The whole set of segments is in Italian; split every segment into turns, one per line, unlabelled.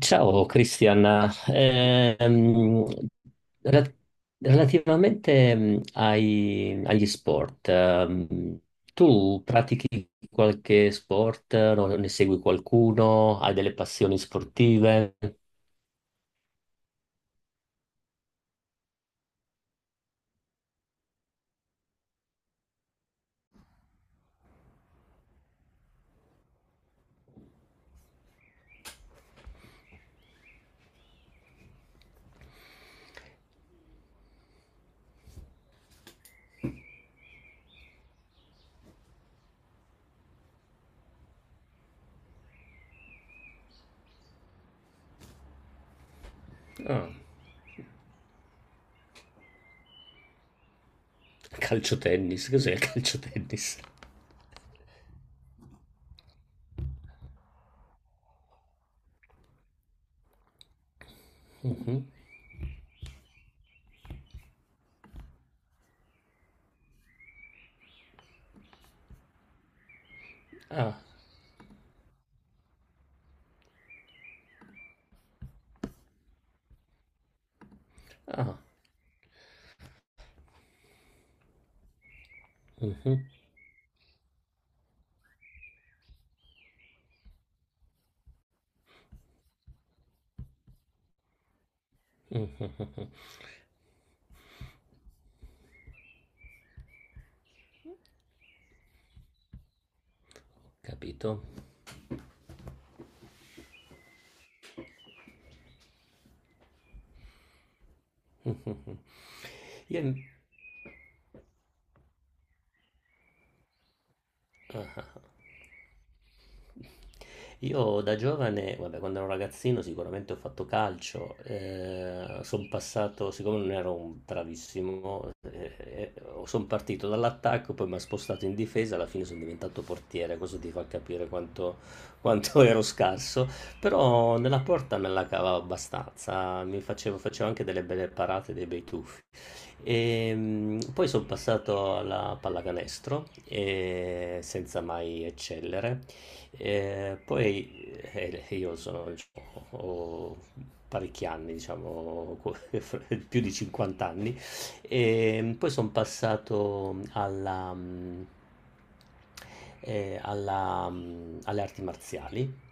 Ciao Cristian. Ehm, rela- relativamente, agli sport, tu pratichi qualche sport, ne segui qualcuno, hai delle passioni sportive? Ah, calcio tennis, cos'è il calcio tennis? Mhm. Ah, ah. Mhm. Mhm. Ho capito. Mhm. Io... in- ah, ah, ah. Io da giovane, vabbè, quando ero ragazzino sicuramente ho fatto calcio, sono passato, siccome non ero un bravissimo, sono partito dall'attacco, poi mi ha spostato in difesa, alla fine sono diventato portiere. Questo ti fa capire quanto, quanto ero scarso, però nella porta me la cavavo abbastanza, facevo anche delle belle parate, dei bei tuffi. E, poi sono passato alla pallacanestro, senza mai eccellere. Poi Io sono, diciamo, ho parecchi anni, diciamo, più di 50 anni, e poi sono passato alle arti marziali.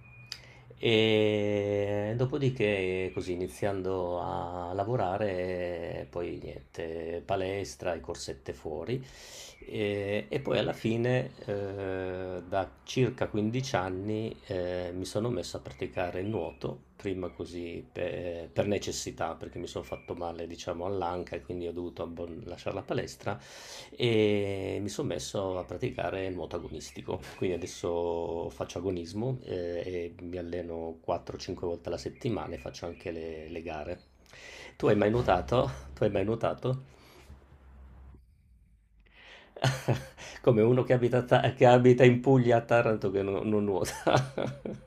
E dopodiché, così iniziando a lavorare, poi niente, palestra e corsette fuori. E poi alla fine, da circa 15 anni, mi sono messo a praticare il nuoto, prima così per necessità, perché mi sono fatto male, diciamo, all'anca e quindi ho dovuto lasciare la palestra e mi sono messo a praticare il nuoto agonistico. Quindi adesso faccio agonismo, e mi alleno 4-5 volte alla settimana e faccio anche le gare. Tu hai mai nuotato? Tu hai mai nuotato? Come uno che abita in Puglia a Taranto, che non nuota.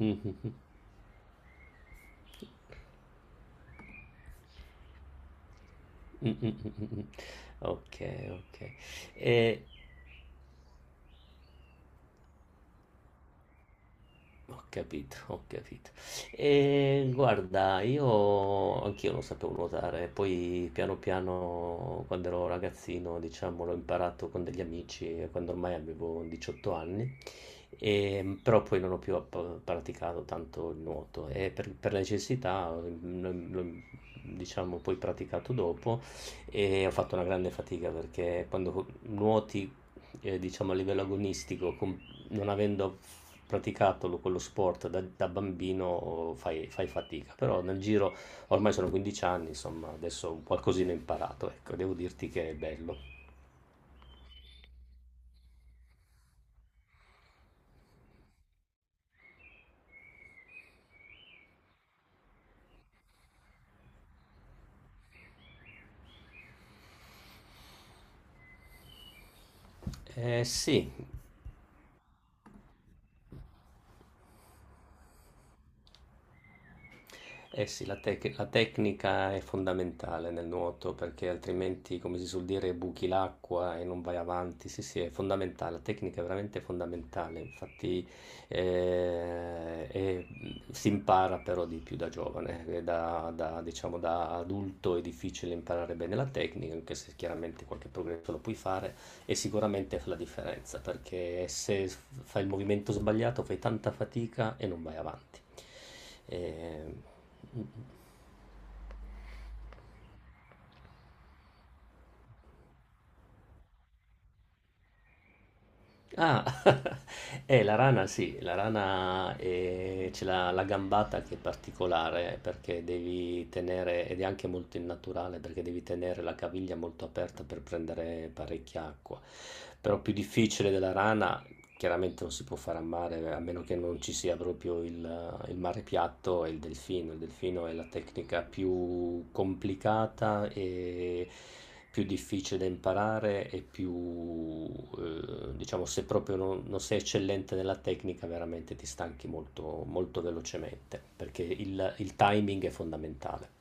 Mh-mh-mh. Mh-mh-mh-mh-mh. Okay, okay. E ho capito, ho capito. E guarda, io anch'io non sapevo nuotare, poi piano piano quando ero ragazzino, diciamo, l'ho imparato con degli amici, quando ormai avevo 18 anni, però poi non ho più praticato tanto il nuoto e per necessità, l'ho, diciamo, poi praticato dopo, e ho fatto una grande fatica, perché quando nuoti, diciamo a livello agonistico, con non avendo praticato quello sport da bambino, fai fatica. Però nel giro, ormai sono 15 anni, insomma, adesso un qualcosina ho imparato, ecco, devo dirti che è bello. Eh sì. Eh sì, la tecnica è fondamentale nel nuoto, perché altrimenti, come si suol dire, buchi l'acqua e non vai avanti. Sì, sì, è fondamentale, la tecnica è veramente fondamentale, infatti. Si impara però di più da giovane, da, diciamo, da adulto è difficile imparare bene la tecnica, anche se chiaramente qualche progresso lo puoi fare, e sicuramente fa la differenza, perché se s- fai il movimento sbagliato fai tanta fatica e non vai avanti. Eh, Ah, la rana, sì, la rana, c'è la gambata, che è particolare perché devi tenere, ed è anche molto innaturale perché devi tenere la caviglia molto aperta per prendere parecchia acqua. Però più difficile della rana, chiaramente non si può fare a mare a meno che non ci sia proprio il mare piatto, e il delfino. Il delfino è la tecnica più complicata e più difficile da imparare e più, diciamo, se proprio non sei eccellente nella tecnica, veramente ti stanchi molto, molto velocemente, perché il timing è fondamentale.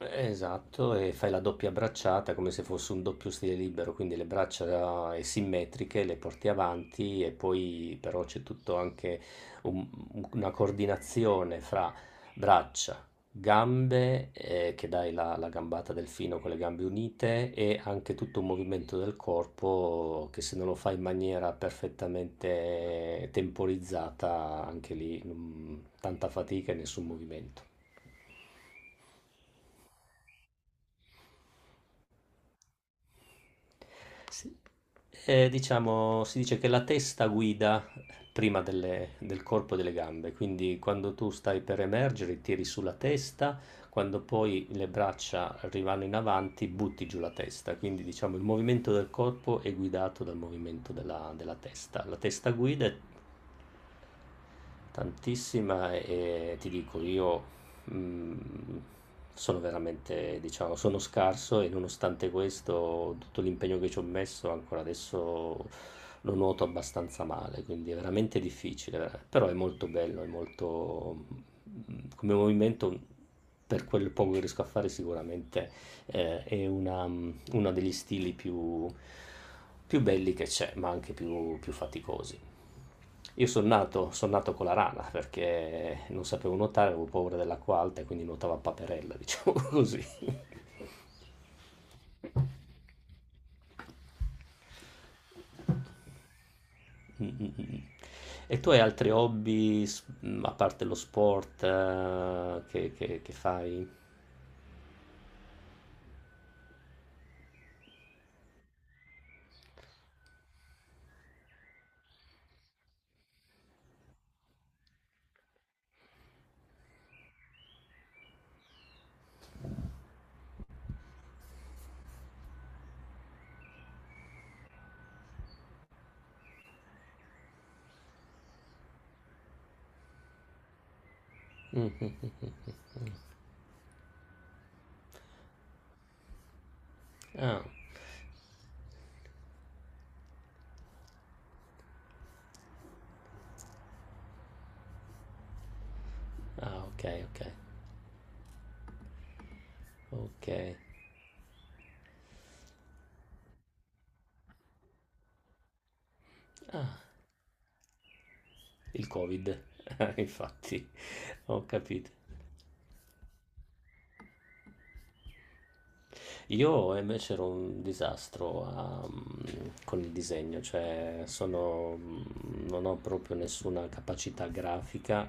Esatto, e fai la doppia bracciata come se fosse un doppio stile libero, quindi le braccia, simmetriche, le porti avanti, e poi però c'è tutto anche un- una coordinazione fra braccia, gambe, che dai la gambata delfino con le gambe unite, e anche tutto un movimento del corpo che se non lo fai in maniera perfettamente temporizzata, anche lì, tanta fatica e nessun movimento. Sì. Diciamo, si dice che la testa guida prima del corpo e delle gambe, quindi quando tu stai per emergere tiri sulla testa, quando poi le braccia arrivano in avanti butti giù la testa, quindi diciamo il movimento del corpo è guidato dal movimento della testa. La testa guida. E tantissima, e ti dico io, mhmm, sono veramente, diciamo, sono scarso, e nonostante questo, tutto l'impegno che ci ho messo, ancora adesso lo nuoto abbastanza male, quindi è veramente difficile. Vera, però è molto bello, è molto, come movimento, per quel poco che riesco a fare, sicuramente, è una, uno degli stili più belli che c'è, ma anche più faticosi. Io son nato con la rana perché non sapevo nuotare, avevo paura dell'acqua alta e quindi nuotavo a paperella, diciamo, così. Mm, mm, mm. E tu hai altri hobby, a parte lo sport, che fai? Mm, mm, mm, mm, mm. Ah, ah, ok, ok, ok. Ah, il Covid, infatti, ho capito. Io invece ero un disastro con il disegno, cioè non ho proprio nessuna capacità grafica,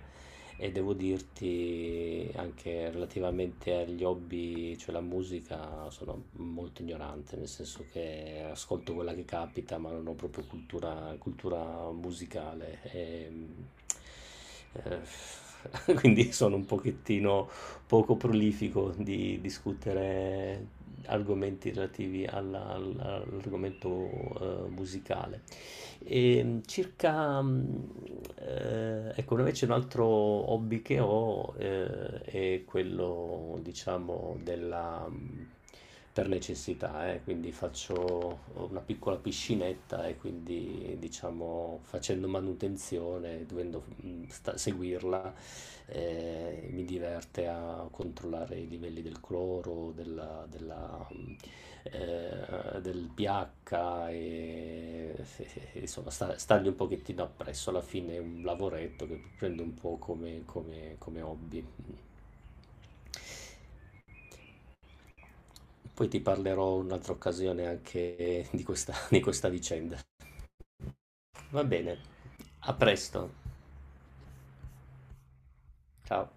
e devo dirti anche, relativamente agli hobby, cioè la musica, sono molto ignorante, nel senso che ascolto quella che capita, ma non ho proprio cultura, cultura musicale. E, quindi sono un pochettino poco prolifico di discutere argomenti relativi all'argomento, musicale. E, circa, ecco, invece un altro hobby che ho, è quello, diciamo, della, per necessità, quindi faccio una piccola piscinetta, e quindi, diciamo, facendo manutenzione, dovendo seguirla, mi diverte a controllare i livelli del cloro, del pH, insomma stargli un pochettino appresso. Alla fine è un lavoretto che prendo un po' come, hobby. Poi ti parlerò un'altra occasione anche di questa di questa vicenda. Va bene, a presto. Ciao.